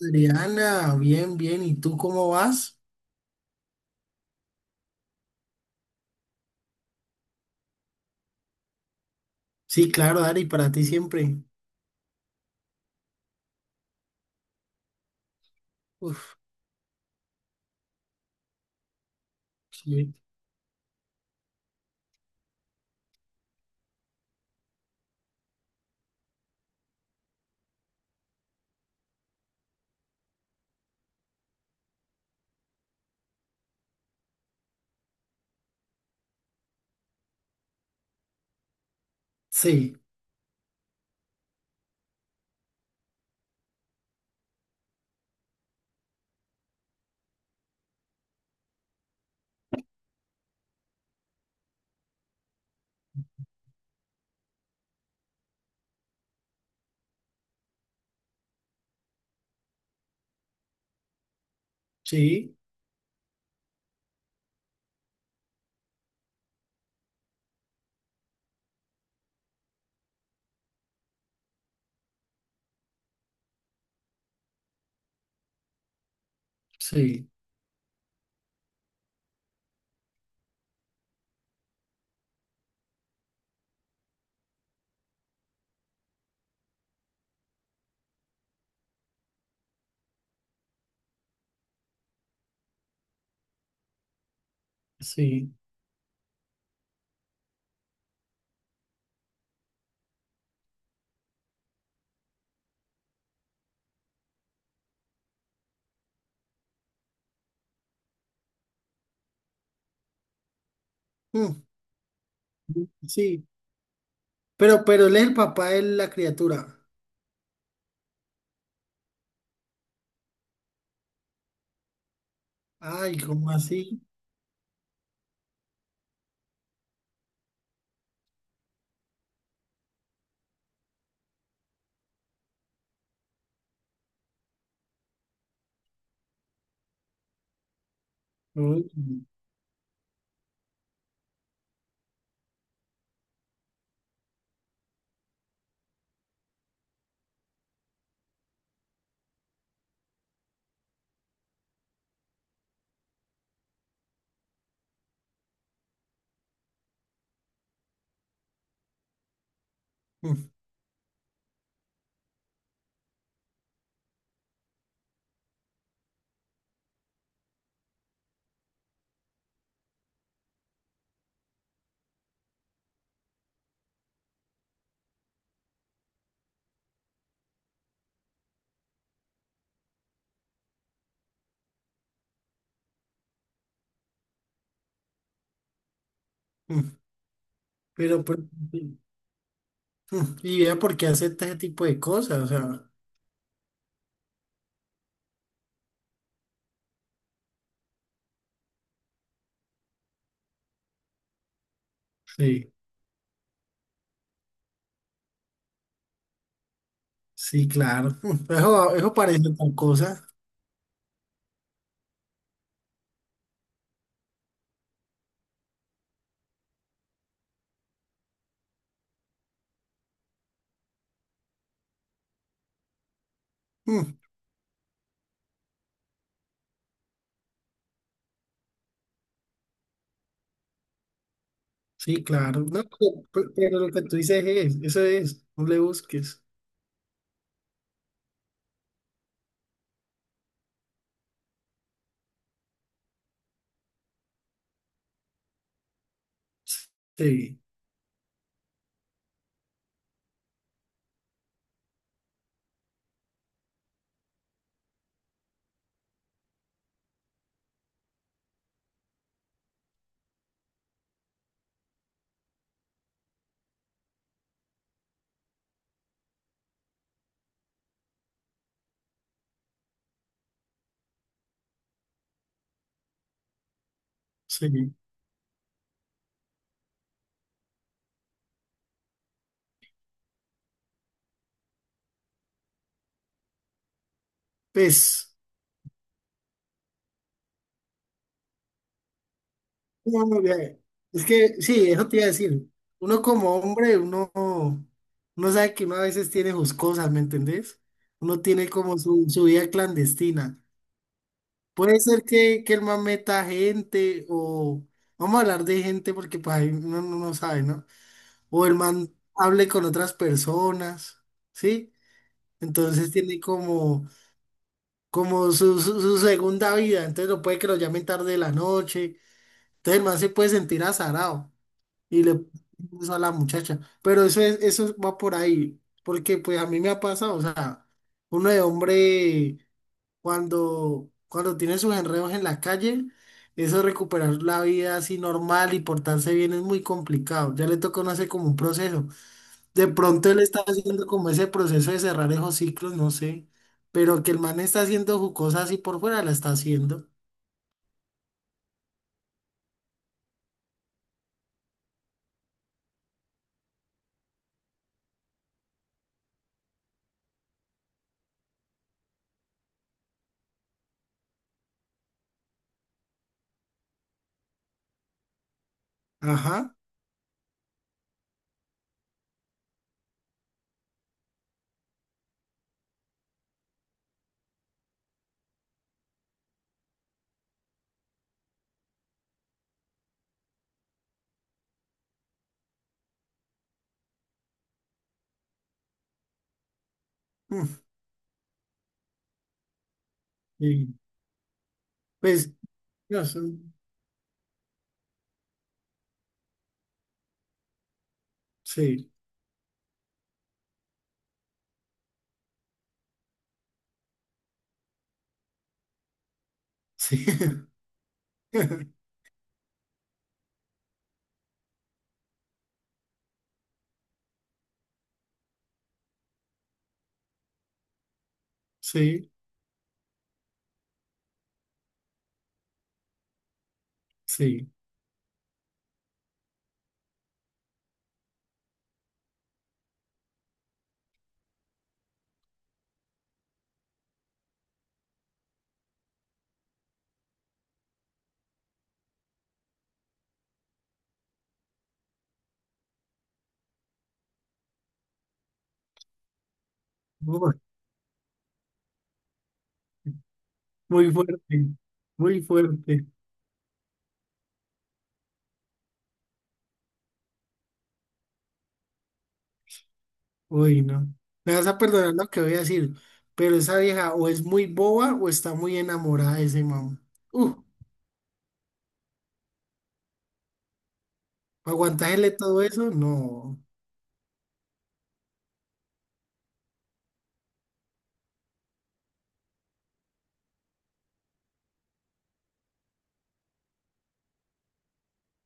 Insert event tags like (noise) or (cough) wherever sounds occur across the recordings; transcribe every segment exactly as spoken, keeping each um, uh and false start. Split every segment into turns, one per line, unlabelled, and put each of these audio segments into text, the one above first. Adriana, bien, bien. ¿Y tú cómo vas? Sí, claro, Dari, para ti siempre. Uf, sí, sí, sí, sí, sí. Mm, sí. Pero, pero él es el papá de la criatura. Ay, ¿cómo así? Uy, mm, mm. Mm. Pero, pero, sí. mm, y vea por qué acepta ese tipo de cosas. O sea, sí, sí, claro. (laughs) Mm, Eso, eso parece tal cosa. Mm, sí, claro. No, pero, pero lo que tú dices es, eso es, no le busques. Sí, sí. Pues, no, no, ya- es que sí, eso te iba a decir. Uno como hombre, uno, uno sabe que uno a veces tiene sus cosas, ¿me entendés? Uno tiene como su, su vida clandestina. Puede ser que, que el man meta gente o vamos a hablar de gente porque pues ahí uno no no sabe, ¿no? O el man hable con otras personas, ¿sí? Entonces tiene como, como su, su, su segunda vida. Entonces no puede que lo llamen tarde de la noche. Entonces el man se puede sentir azarado y le puso a la muchacha. Pero eso es, eso va por ahí, porque pues a mí me ha pasado, o sea, uno de hombre cuando, cuando tiene sus enredos en la calle, eso de recuperar la vida así normal y portarse bien es muy complicado. Ya le toca no hacer como un proceso. De pronto él está haciendo como ese proceso de cerrar esos ciclos, no sé. Pero que el man está haciendo su cosa así por fuera, la está haciendo. Ajá. Mm. Y, Pues, Dios, sí, sí, (laughs) sí, sí. Uy, muy fuerte, muy fuerte. Uy, no. Me vas a perdonar lo que voy a decir, pero esa vieja o es muy boba o está muy enamorada de ese mamá. Uh, Aguantarle todo eso, no.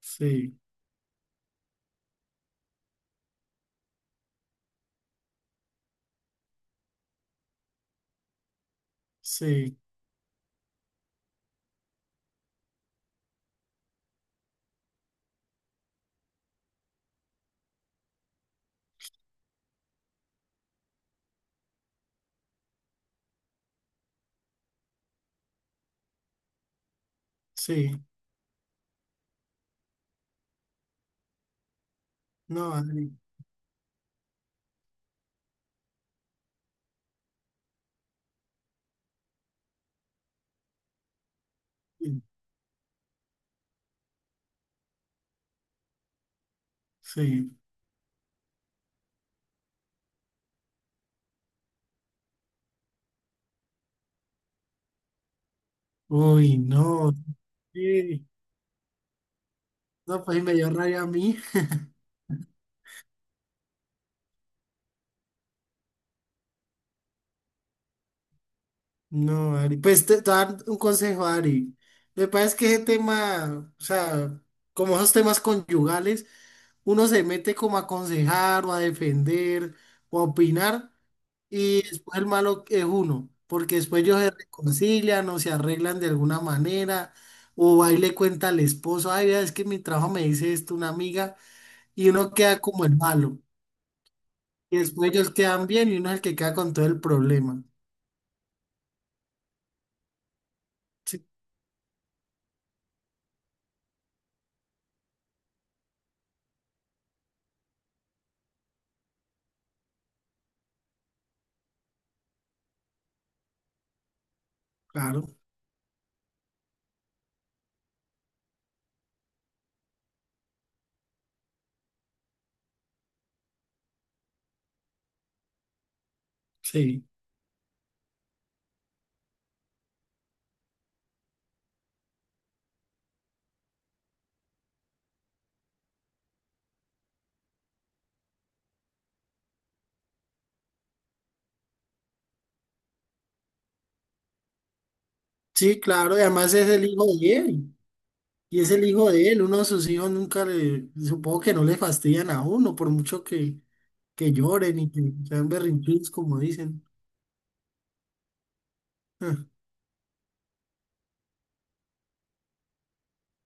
Sí, sí, sí. No, ay, sí. Sí. Uy, no. Sí. No, pues me dio rabia a mí. No, Ari, pues te, te voy a dar un consejo, Ari. Me parece que ese tema, o sea, como esos temas conyugales, uno se mete como a aconsejar o a defender o a opinar y después el malo es uno, porque después ellos se reconcilian o se arreglan de alguna manera o ahí le cuenta al esposo, ay, vea, es que en mi trabajo me dice esto una amiga y uno queda como el malo y después ellos quedan bien y uno es el que queda con todo el problema. Sí, claro, sí. Sí, claro, y además es el hijo de él, y es el hijo de él, uno de sus hijos nunca le, supongo que no le fastidian a uno, por mucho que, que lloren y que sean berrinchudos, como dicen. Ah,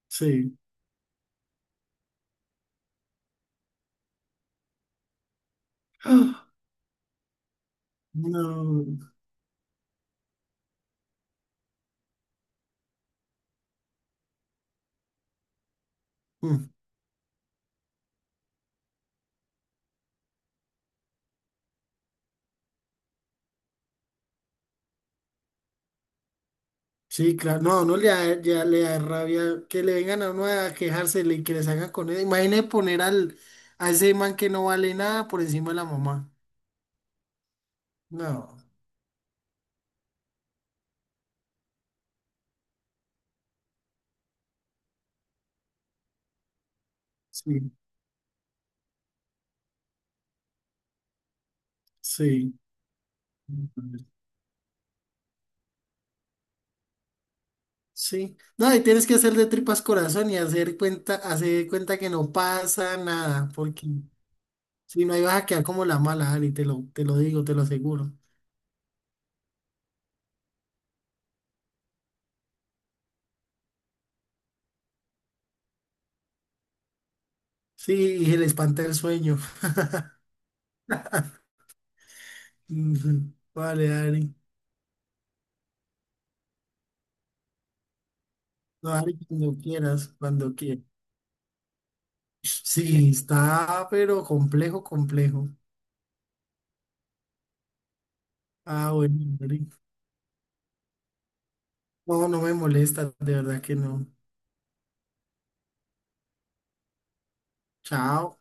sí. (gasps) Ah, no. Mm, sí, claro, no, no le da, ya le da rabia que le vengan a uno a quejarse y que les hagan con él. Imagine poner al, a ese man que no vale nada por encima de la mamá. No, sí, sí. Sí. No, y tienes que hacer de tripas corazón y hacer cuenta, hacer cuenta que no pasa nada, porque si no, ahí vas a quedar como la mala, Ari, te lo, te lo digo, te lo aseguro. Sí, y se le espanta el sueño. (laughs) Ujú. Vale, Ari. No, Ari, cuando quieras, cuando quieras. Sí, está, pero complejo, complejo. Ah, bueno, Ari. No, no me molesta, de verdad que no. Chao.